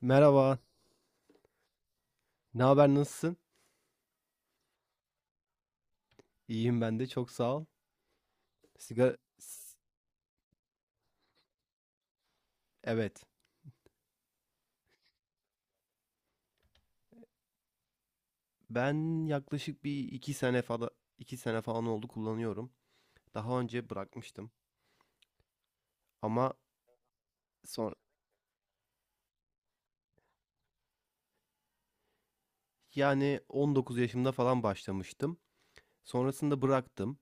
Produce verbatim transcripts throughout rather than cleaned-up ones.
Merhaba. Ne haber, nasılsın? İyiyim ben de, çok sağ ol. Sigara... s- Evet. Ben yaklaşık bir iki sene falan iki sene falan oldu kullanıyorum. Daha önce bırakmıştım ama sonra yani on dokuz yaşımda falan başlamıştım. Sonrasında bıraktım.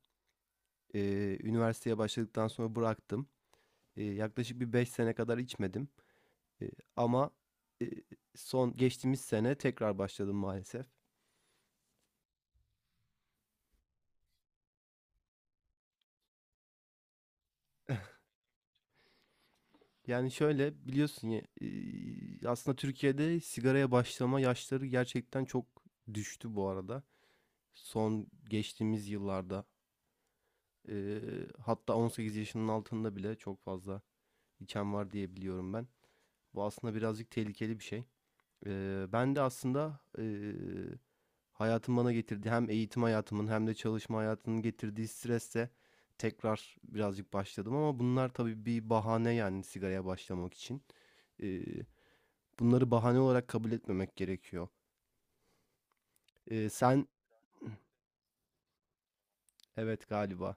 Ee, üniversiteye başladıktan sonra bıraktım. Ee, yaklaşık bir beş sene kadar içmedim. Ee, ama son geçtiğimiz sene tekrar başladım maalesef. Yani şöyle biliyorsun ya, e, aslında Türkiye'de sigaraya başlama yaşları gerçekten çok düştü bu arada. Son geçtiğimiz yıllarda, e, hatta on sekiz yaşının altında bile çok fazla içen var diye biliyorum ben. Bu aslında birazcık tehlikeli bir şey. E, ben de aslında e, hayatın bana getirdi, hem eğitim hayatımın hem de çalışma hayatının getirdiği stresle tekrar birazcık başladım, ama bunlar tabii bir bahane yani sigaraya başlamak için. Bunları bahane olarak kabul etmemek gerekiyor. Eee, sen Evet, galiba.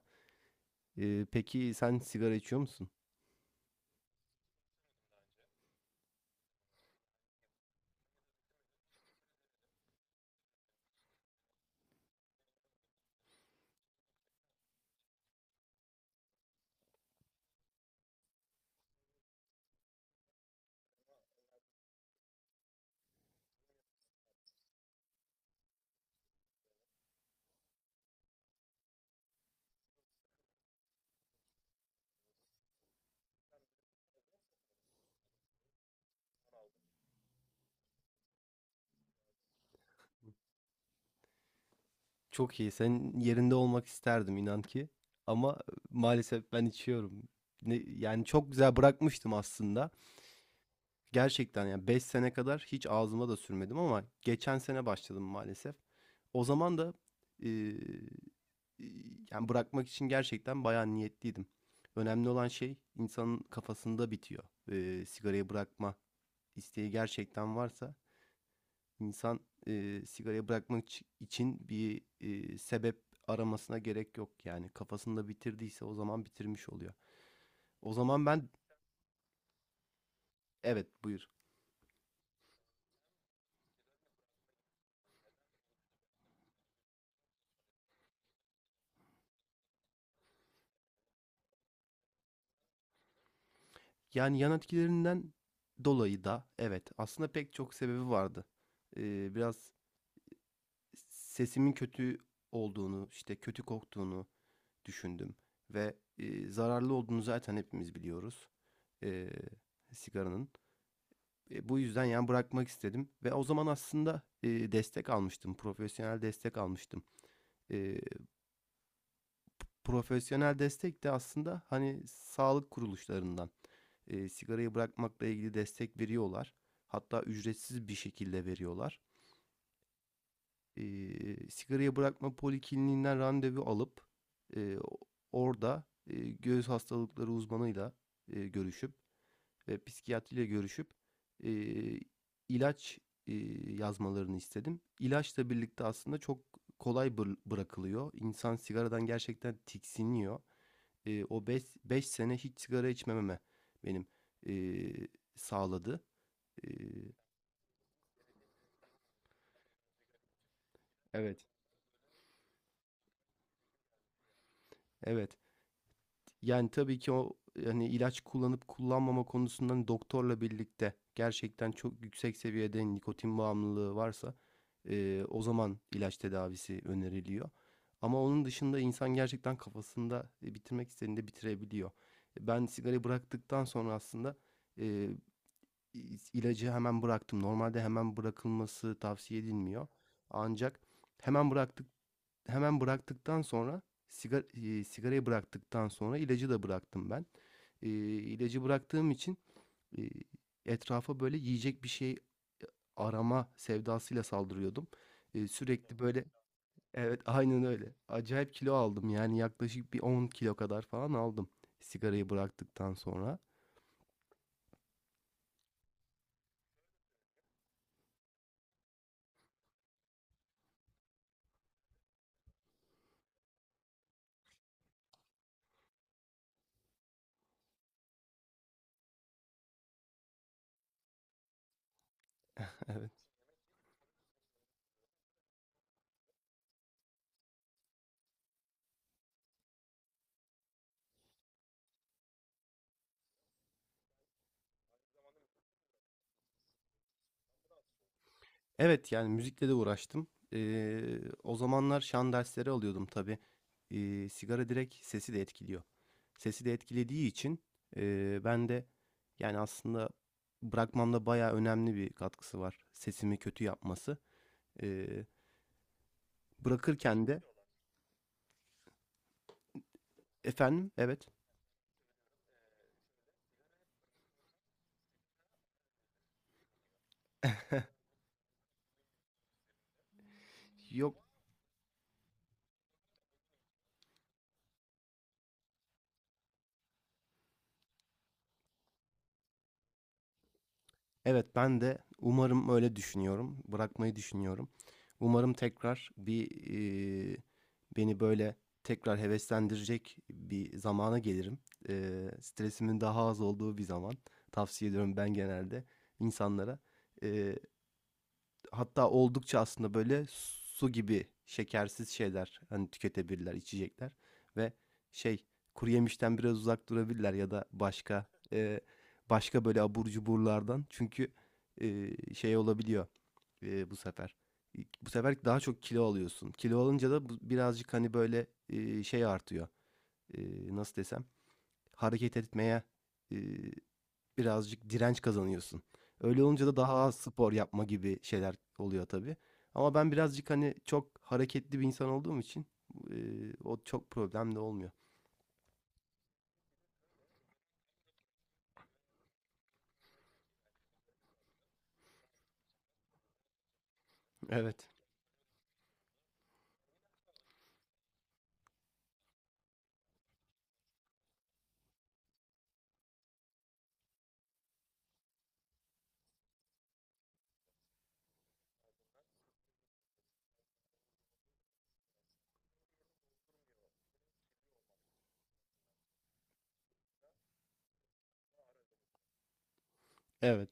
Eee, peki sen sigara içiyor musun? Çok iyi. Senin yerinde olmak isterdim inan ki, ama maalesef ben içiyorum. Ne yani, çok güzel bırakmıştım aslında. Gerçekten yani beş sene kadar hiç ağzıma da sürmedim, ama geçen sene başladım maalesef. O zaman da, eee, iii, yani bırakmak için gerçekten bayağı niyetliydim. Önemli olan şey insanın kafasında bitiyor, eee, sigarayı bırakma isteği gerçekten varsa insan, e, sigarayı bırakmak için bir, e, sebep aramasına gerek yok. Yani kafasında bitirdiyse o zaman bitirmiş oluyor. O zaman ben Evet, buyur. Yani yan etkilerinden dolayı da evet, aslında pek çok sebebi vardı. E, biraz sesimin kötü olduğunu, işte kötü koktuğunu düşündüm ve e, zararlı olduğunu zaten hepimiz biliyoruz. E, sigaranın. E, bu yüzden yani bırakmak istedim ve o zaman aslında e, destek almıştım, profesyonel destek almıştım. E, profesyonel destek de aslında hani sağlık kuruluşlarından e, sigarayı bırakmakla ilgili destek veriyorlar. Hatta ücretsiz bir şekilde veriyorlar. E, sigarayı bırakma polikliniğinden randevu alıp, e, orada e, göğüs hastalıkları uzmanıyla e, görüşüp ve psikiyatriyle görüşüp, eee, ilaç, eee, yazmalarını istedim. İlaçla birlikte aslında çok kolay bırakılıyor. İnsan sigaradan gerçekten tiksiniyor. Eee, o beş 5 sene hiç sigara içmememe benim, eee, sağladı. Eee Evet. Evet. Yani, tabii ki o, yani ilaç kullanıp kullanmama konusundan doktorla birlikte gerçekten çok yüksek seviyede nikotin bağımlılığı varsa, eee, o zaman ilaç tedavisi öneriliyor. Ama onun dışında insan gerçekten kafasında, eee, bitirmek istediğinde bitirebiliyor. Ben sigarayı bıraktıktan sonra aslında, eee, ilacı hemen bıraktım. Normalde hemen bırakılması tavsiye edilmiyor. Ancak hemen bıraktık hemen bıraktıktan sonra sigara, e, sigarayı bıraktıktan sonra ilacı da bıraktım ben. E, ilacı bıraktığım için, e, etrafa böyle yiyecek bir şey arama sevdasıyla saldırıyordum. E, sürekli böyle Evet, aynen öyle. Acayip kilo aldım, yani yaklaşık bir on kilo kadar falan aldım sigarayı bıraktıktan sonra. Evet, yani müzikle de uğraştım. Eee, o zamanlar şan dersleri alıyordum tabii. Eee, sigara direkt sesi de etkiliyor. Sesi de etkilediği için eee, ben de yani aslında bırakmamda bayağı önemli bir katkısı var. Sesimi kötü yapması. Eee, bırakırken de. Efendim, evet. Yok. Evet, ben de umarım öyle düşünüyorum. Bırakmayı düşünüyorum. Umarım tekrar bir, eee, beni böyle tekrar heveslendirecek bir zamana gelirim. Eee, stresimin daha az olduğu bir zaman. Tavsiye ediyorum ben genelde insanlara. Eee, Hatta oldukça aslında böyle su gibi şekersiz şeyler hani tüketebilirler, içecekler ve şey, kuruyemişten biraz uzak durabilirler ya da başka, eee, başka böyle abur cuburlardan. Çünkü eee, şey olabiliyor, eee, bu sefer. bu sefer daha çok kilo alıyorsun. Kilo alınca da bu birazcık hani böyle, eee, şey artıyor, eee, nasıl desem, hareket etmeye, e, birazcık direnç kazanıyorsun. Öyle olunca da daha az spor yapma gibi şeyler oluyor tabii. Ama ben birazcık hani çok hareketli bir insan olduğum için eee, o çok problemli olmuyor. Evet. Evet.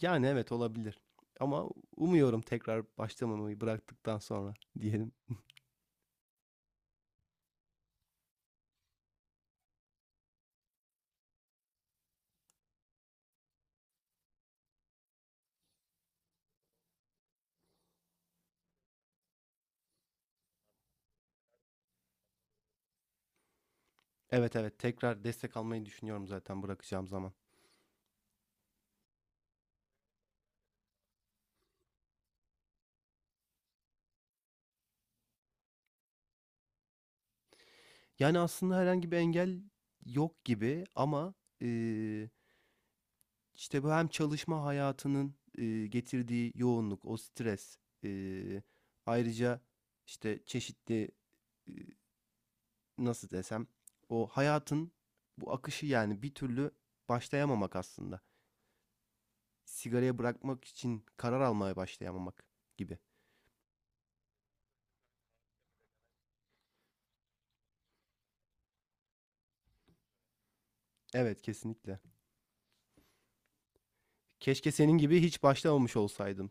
Yani evet, olabilir. Ama umuyorum tekrar başlamamayı, bıraktıktan sonra diyelim. Evet, evet, tekrar destek almayı düşünüyorum zaten bırakacağım zaman. Yani aslında herhangi bir engel yok gibi, ama eee, İşte bu hem çalışma hayatının e, getirdiği yoğunluk, o stres, e, ayrıca işte çeşitli, e, nasıl desem, o hayatın bu akışı, yani bir türlü başlayamamak aslında. Sigaraya bırakmak için karar almaya başlayamamak gibi. Evet, kesinlikle. Keşke senin gibi hiç başlamamış olsaydım.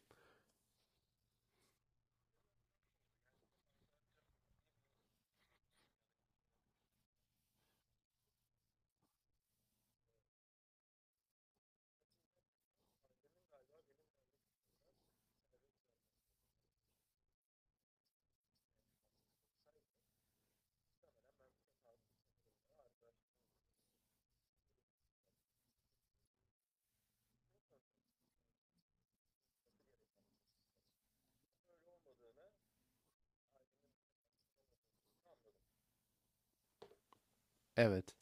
Evet.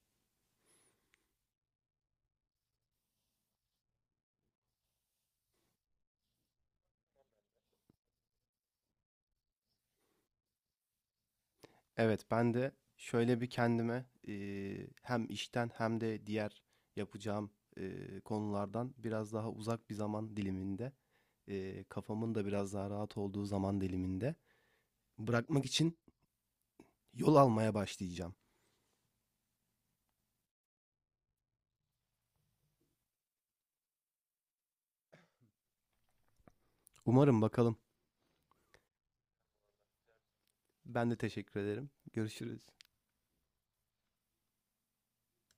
Evet, ben de şöyle bir kendime, eee, hem işten hem de diğer yapacağım, eee, konulardan biraz daha uzak bir zaman diliminde, eee, kafamın da biraz daha rahat olduğu zaman diliminde bırakmak için yol almaya başlayacağım. Umarım bakalım. Ben de teşekkür ederim. Görüşürüz.